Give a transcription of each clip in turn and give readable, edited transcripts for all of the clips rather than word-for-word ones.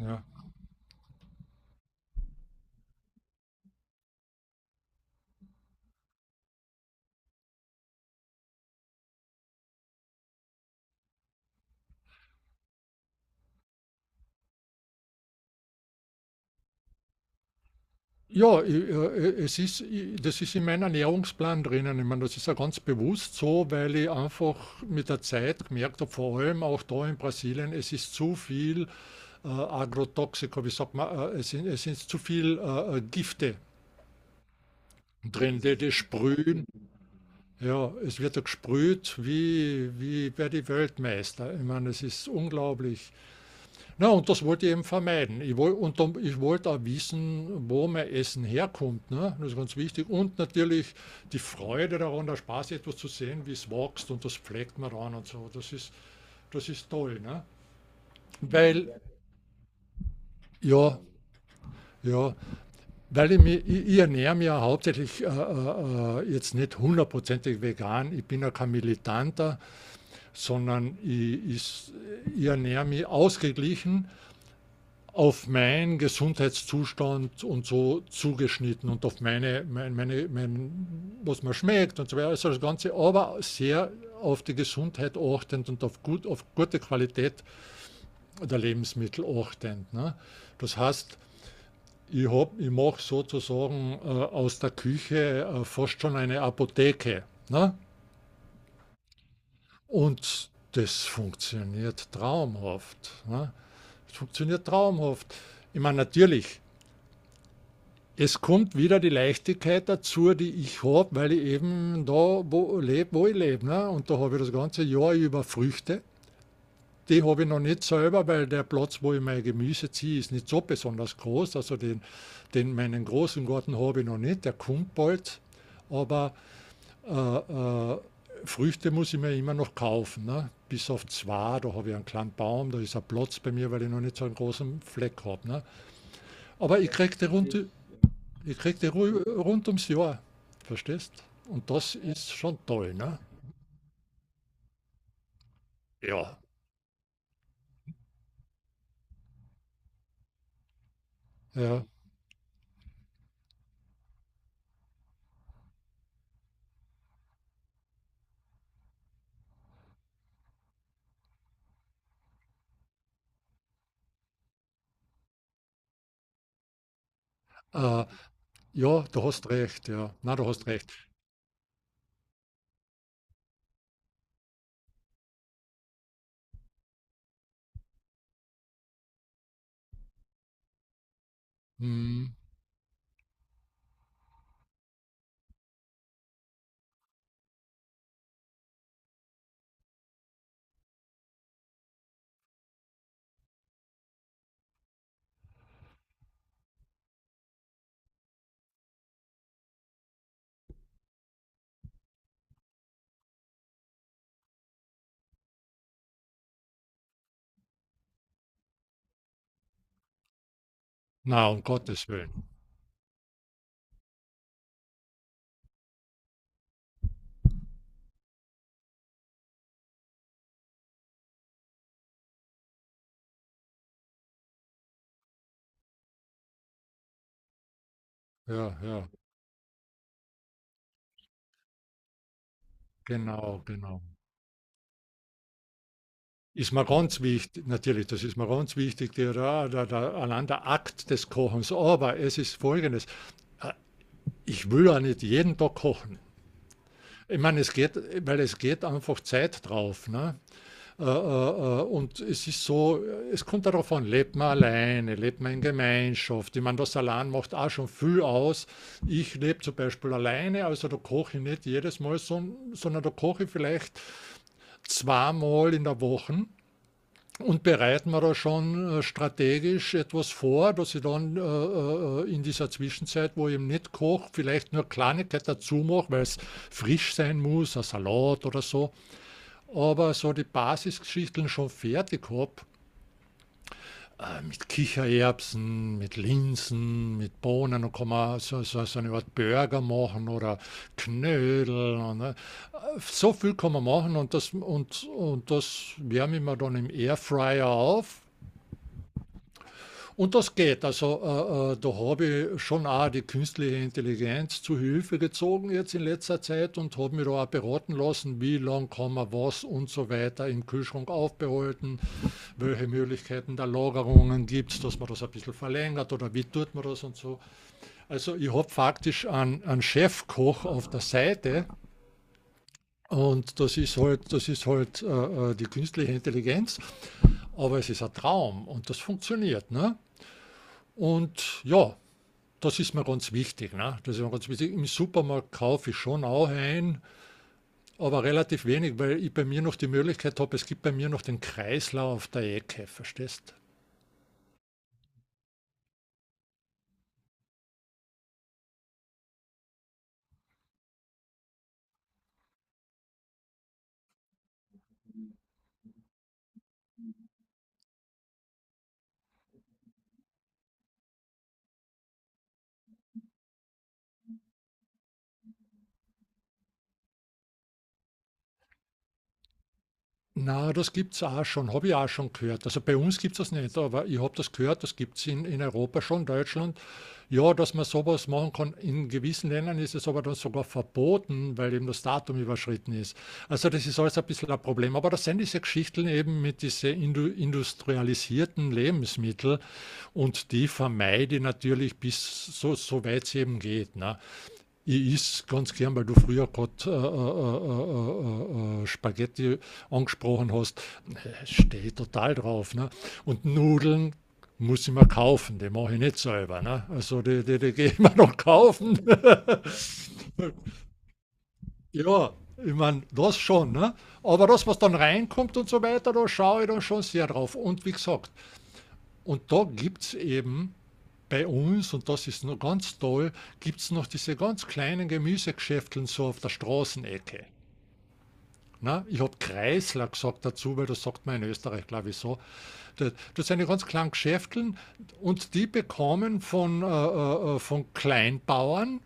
Ja. Ja, i es ist i das ist in meinem Ernährungsplan drinnen. Ich meine, das ist ja ganz bewusst so, weil ich einfach mit der Zeit gemerkt habe, vor allem auch da in Brasilien, es ist zu viel, Agrotoxika, wie sagt man, es sind zu viel, Gifte drin, die sprühen. Ja, es wird ja gesprüht wie bei die Weltmeister. Ich meine, es ist unglaublich. Na, und das wollte ich eben vermeiden. Ich wollte, und dann, ich wollte auch wissen, wo mein Essen herkommt. Ne? Das ist ganz wichtig. Und natürlich die Freude daran, der Spaß, etwas zu sehen, wie es wächst und das pflegt man ran und so. Das ist toll. Ne? Weil, ja, ja, weil ich ernähre mich ja hauptsächlich jetzt nicht hundertprozentig vegan. Ich bin ja kein Militanter, sondern ich ernähre mich ausgeglichen auf meinen Gesundheitszustand und so zugeschnitten und auf was mir schmeckt und so weiter. Also das Ganze, aber sehr auf die Gesundheit achtend und auf, gut, auf gute Qualität der Lebensmittel achtend. Ne? Das heißt, ich mache sozusagen aus der Küche fast schon eine Apotheke. Ne? Und das funktioniert traumhaft. Ne? Das funktioniert traumhaft. Ich meine, natürlich, es kommt wieder die Leichtigkeit dazu, die ich habe, weil ich eben da wo lebe, wo ich lebe. Ne? Und da habe ich das ganze Jahr über Früchte. Die habe ich noch nicht selber, weil der Platz, wo ich mein Gemüse ziehe, ist nicht so besonders groß. Also den, den meinen großen Garten habe ich noch nicht, der kommt bald. Aber äh, Früchte muss ich mir immer noch kaufen. Ne? Bis auf zwei, da habe ich einen kleinen Baum, da ist ein Platz bei mir, weil ich noch nicht so einen großen Fleck habe. Ne? Aber ich kriege die runter. Ich krieg die Ruhe rund ums Jahr, verstehst? Und das ist schon toll, ne? Ja. Ja, äh, ja, du hast recht, ja. Na, du hast recht. Hm. Na, um Gottes Willen. Ja, ja, genau, genau. Ist mir ganz wichtig, natürlich, das ist mir ganz wichtig, allein der Akt des Kochens. Aber es ist Folgendes, äh, ich will ja nicht jeden Tag kochen. Ich meine, es geht, weil es geht einfach Zeit drauf. Ne? Und es ist so, es kommt darauf an, lebt man alleine, lebt man in Gemeinschaft. Ich meine, das allein macht auch schon viel aus. Ich lebe zum Beispiel alleine, also da koche ich nicht jedes Mal, sondern da koche ich vielleicht zweimal in der Woche und bereiten wir da schon strategisch etwas vor, dass ich dann in dieser Zwischenzeit, wo ich eben nicht koche, vielleicht nur Kleinigkeit dazu mache, weil es frisch sein muss, ein Salat oder so. Aber so die Basisgeschichten schon fertig habe, mit Kichererbsen, mit Linsen, mit Bohnen und kann man so eine Art Burger machen oder Knödel. Und so viel kann man machen und das wärme ich mir dann im Airfryer auf und das geht. Also da habe ich schon auch die künstliche Intelligenz zu Hilfe gezogen jetzt in letzter Zeit und habe mir da auch beraten lassen, wie lange kann man was und so weiter im Kühlschrank aufbehalten, welche Möglichkeiten der Lagerungen gibt es, dass man das ein bisschen verlängert oder wie tut man das und so. Also ich habe faktisch einen Chefkoch auf der Seite, und das ist halt, das ist halt die künstliche Intelligenz, aber es ist ein Traum und das funktioniert. Ne? Und ja, das ist mir ganz wichtig, ne? Das ist mir ganz wichtig. Im Supermarkt kaufe ich schon auch ein, aber relativ wenig, weil ich bei mir noch die Möglichkeit habe, es gibt bei mir noch den Kreislauf der Ecke, verstehst? Na, das gibt's auch schon, habe ich auch schon gehört. Also, bei uns gibt's das nicht, aber ich habe das gehört, das gibt's in Europa schon, Deutschland. Ja, dass man sowas machen kann. In gewissen Ländern ist es aber dann sogar verboten, weil eben das Datum überschritten ist. Also, das ist alles ein bisschen ein Problem. Aber das sind diese Geschichten eben mit diese industrialisierten Lebensmittel und die vermeide ich natürlich bis so weit es eben geht, ne? Ich esse ganz gern, weil du früher gerade Spaghetti angesprochen hast. Stehe ich total drauf. Ne? Und Nudeln muss ich mir kaufen, die mache ich nicht selber. Ne? Also die gehe ich mir noch kaufen. ja, ich meine, das schon. Ne? Aber das, was dann reinkommt und so weiter, da schaue ich dann schon sehr drauf. Und wie gesagt, und da gibt es eben bei uns, und das ist noch ganz toll, gibt es noch diese ganz kleinen Gemüsegeschäfteln so auf der Straßenecke. Na, ich habe Kreisler gesagt dazu, weil das sagt man in Österreich, glaube ich, so. Das, das sind ja ganz kleine Geschäfteln und die bekommen von Kleinbauern,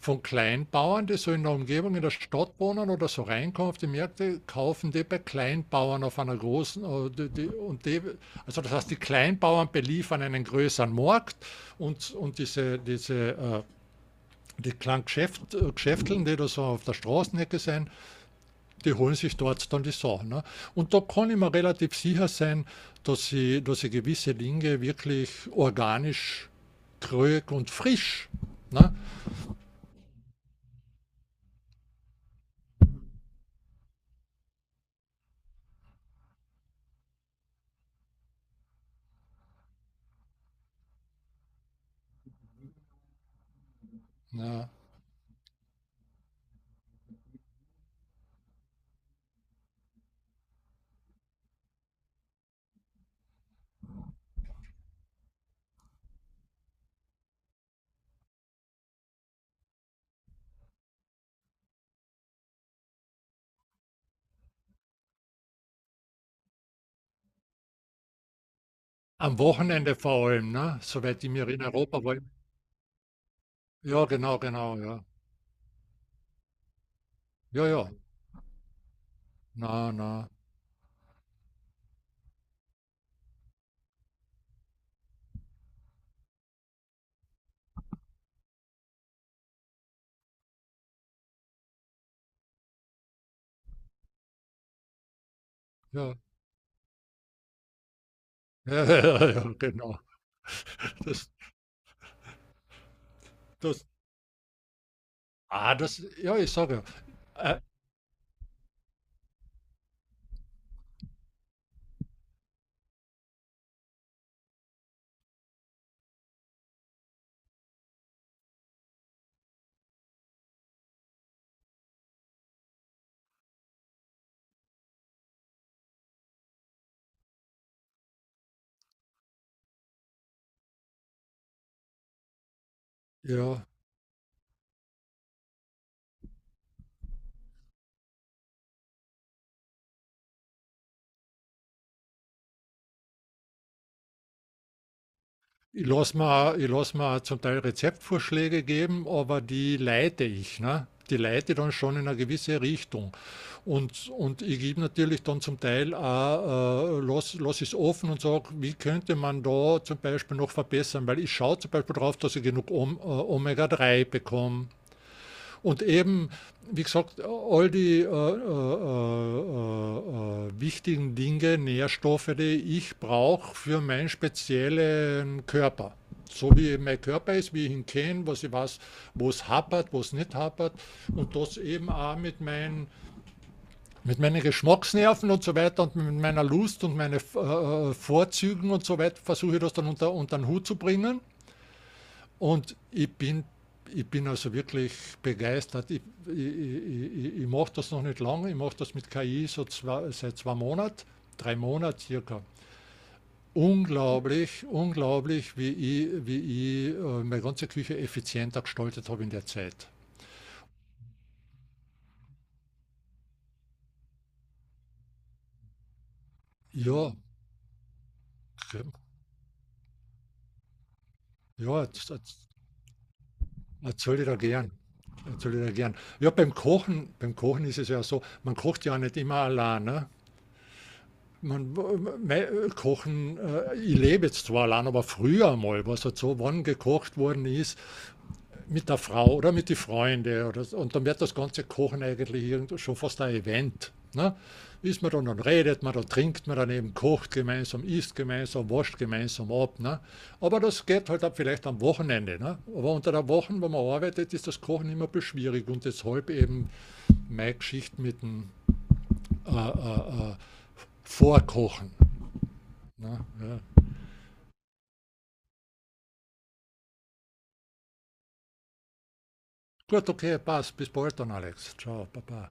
die so in der Umgebung in der Stadt wohnen oder so reinkommen auf die Märkte, kaufen die bei Kleinbauern auf einer großen, und die, also das heißt, die Kleinbauern beliefern einen größeren Markt und die kleinen Geschäfteln, die da so auf der Straßenecke sind, die holen sich dort dann die Sachen. Ne? Und da kann ich mir relativ sicher sein, dass ich gewisse Dinge wirklich organisch, krög und frisch. Ne? Ja. Am Wochenende vor allem, ne? Soweit ich mir in Europa war. Ja, genau, genau, ja. Ja, ja. Na, na, ja. Ja, ja, ja, ja, genau. Das, das, ja, ich sage ja. Ja, ich lasse ich lass mir zum Teil Rezeptvorschläge geben, aber die leite ich. Ne? Die leite dann schon in eine gewisse Richtung. Und ich gebe natürlich dann zum Teil auch, lass, lass es offen und sage, wie könnte man da zum Beispiel noch verbessern? Weil ich schaue zum Beispiel darauf, dass ich genug Omega-3 bekomme. Und eben, wie gesagt, all die wichtigen Dinge, Nährstoffe, die ich brauche für meinen speziellen Körper. So wie mein Körper ist, wie ich ihn kenne, was ich weiß, wo es hapert, wo es nicht hapert. Und das eben auch mit meinen Geschmacksnerven und so weiter und mit meiner Lust und meinen Vorzügen und so weiter versuche ich das dann unter den Hut zu bringen. Und ich bin also wirklich begeistert. Ich mache das noch nicht lange, ich mache das mit KI so seit 2 Monaten, 3 Monaten circa. Unglaublich, unglaublich, wie ich meine ganze Küche effizienter gestaltet habe in der Zeit. Ja, ja, das erzähle ich da gern. Erzähle ich da gern. Ja, beim Kochen ist es ja so, man kocht ja nicht immer allein. Ne? Ich lebe jetzt zwar allein, aber früher mal, was halt so, wann gekocht worden ist, mit der Frau oder mit den Freunden. Oder, so. Und dann wird das ganze Kochen eigentlich schon fast ein Event. Ne? Ist man dann, dann redet man, dann trinkt man dann eben, kocht gemeinsam, isst gemeinsam, wascht gemeinsam ab. Ne? Aber das geht halt auch vielleicht am Wochenende. Ne? Aber unter der Woche, wenn man arbeitet, ist das Kochen immer ein bisschen schwierig und deshalb eben meine Geschichte mit dem äh, äh, äh, Vorkochen. Na, ja. Gut, okay, passt. Bis bald dann, Alex. Ciao, Baba.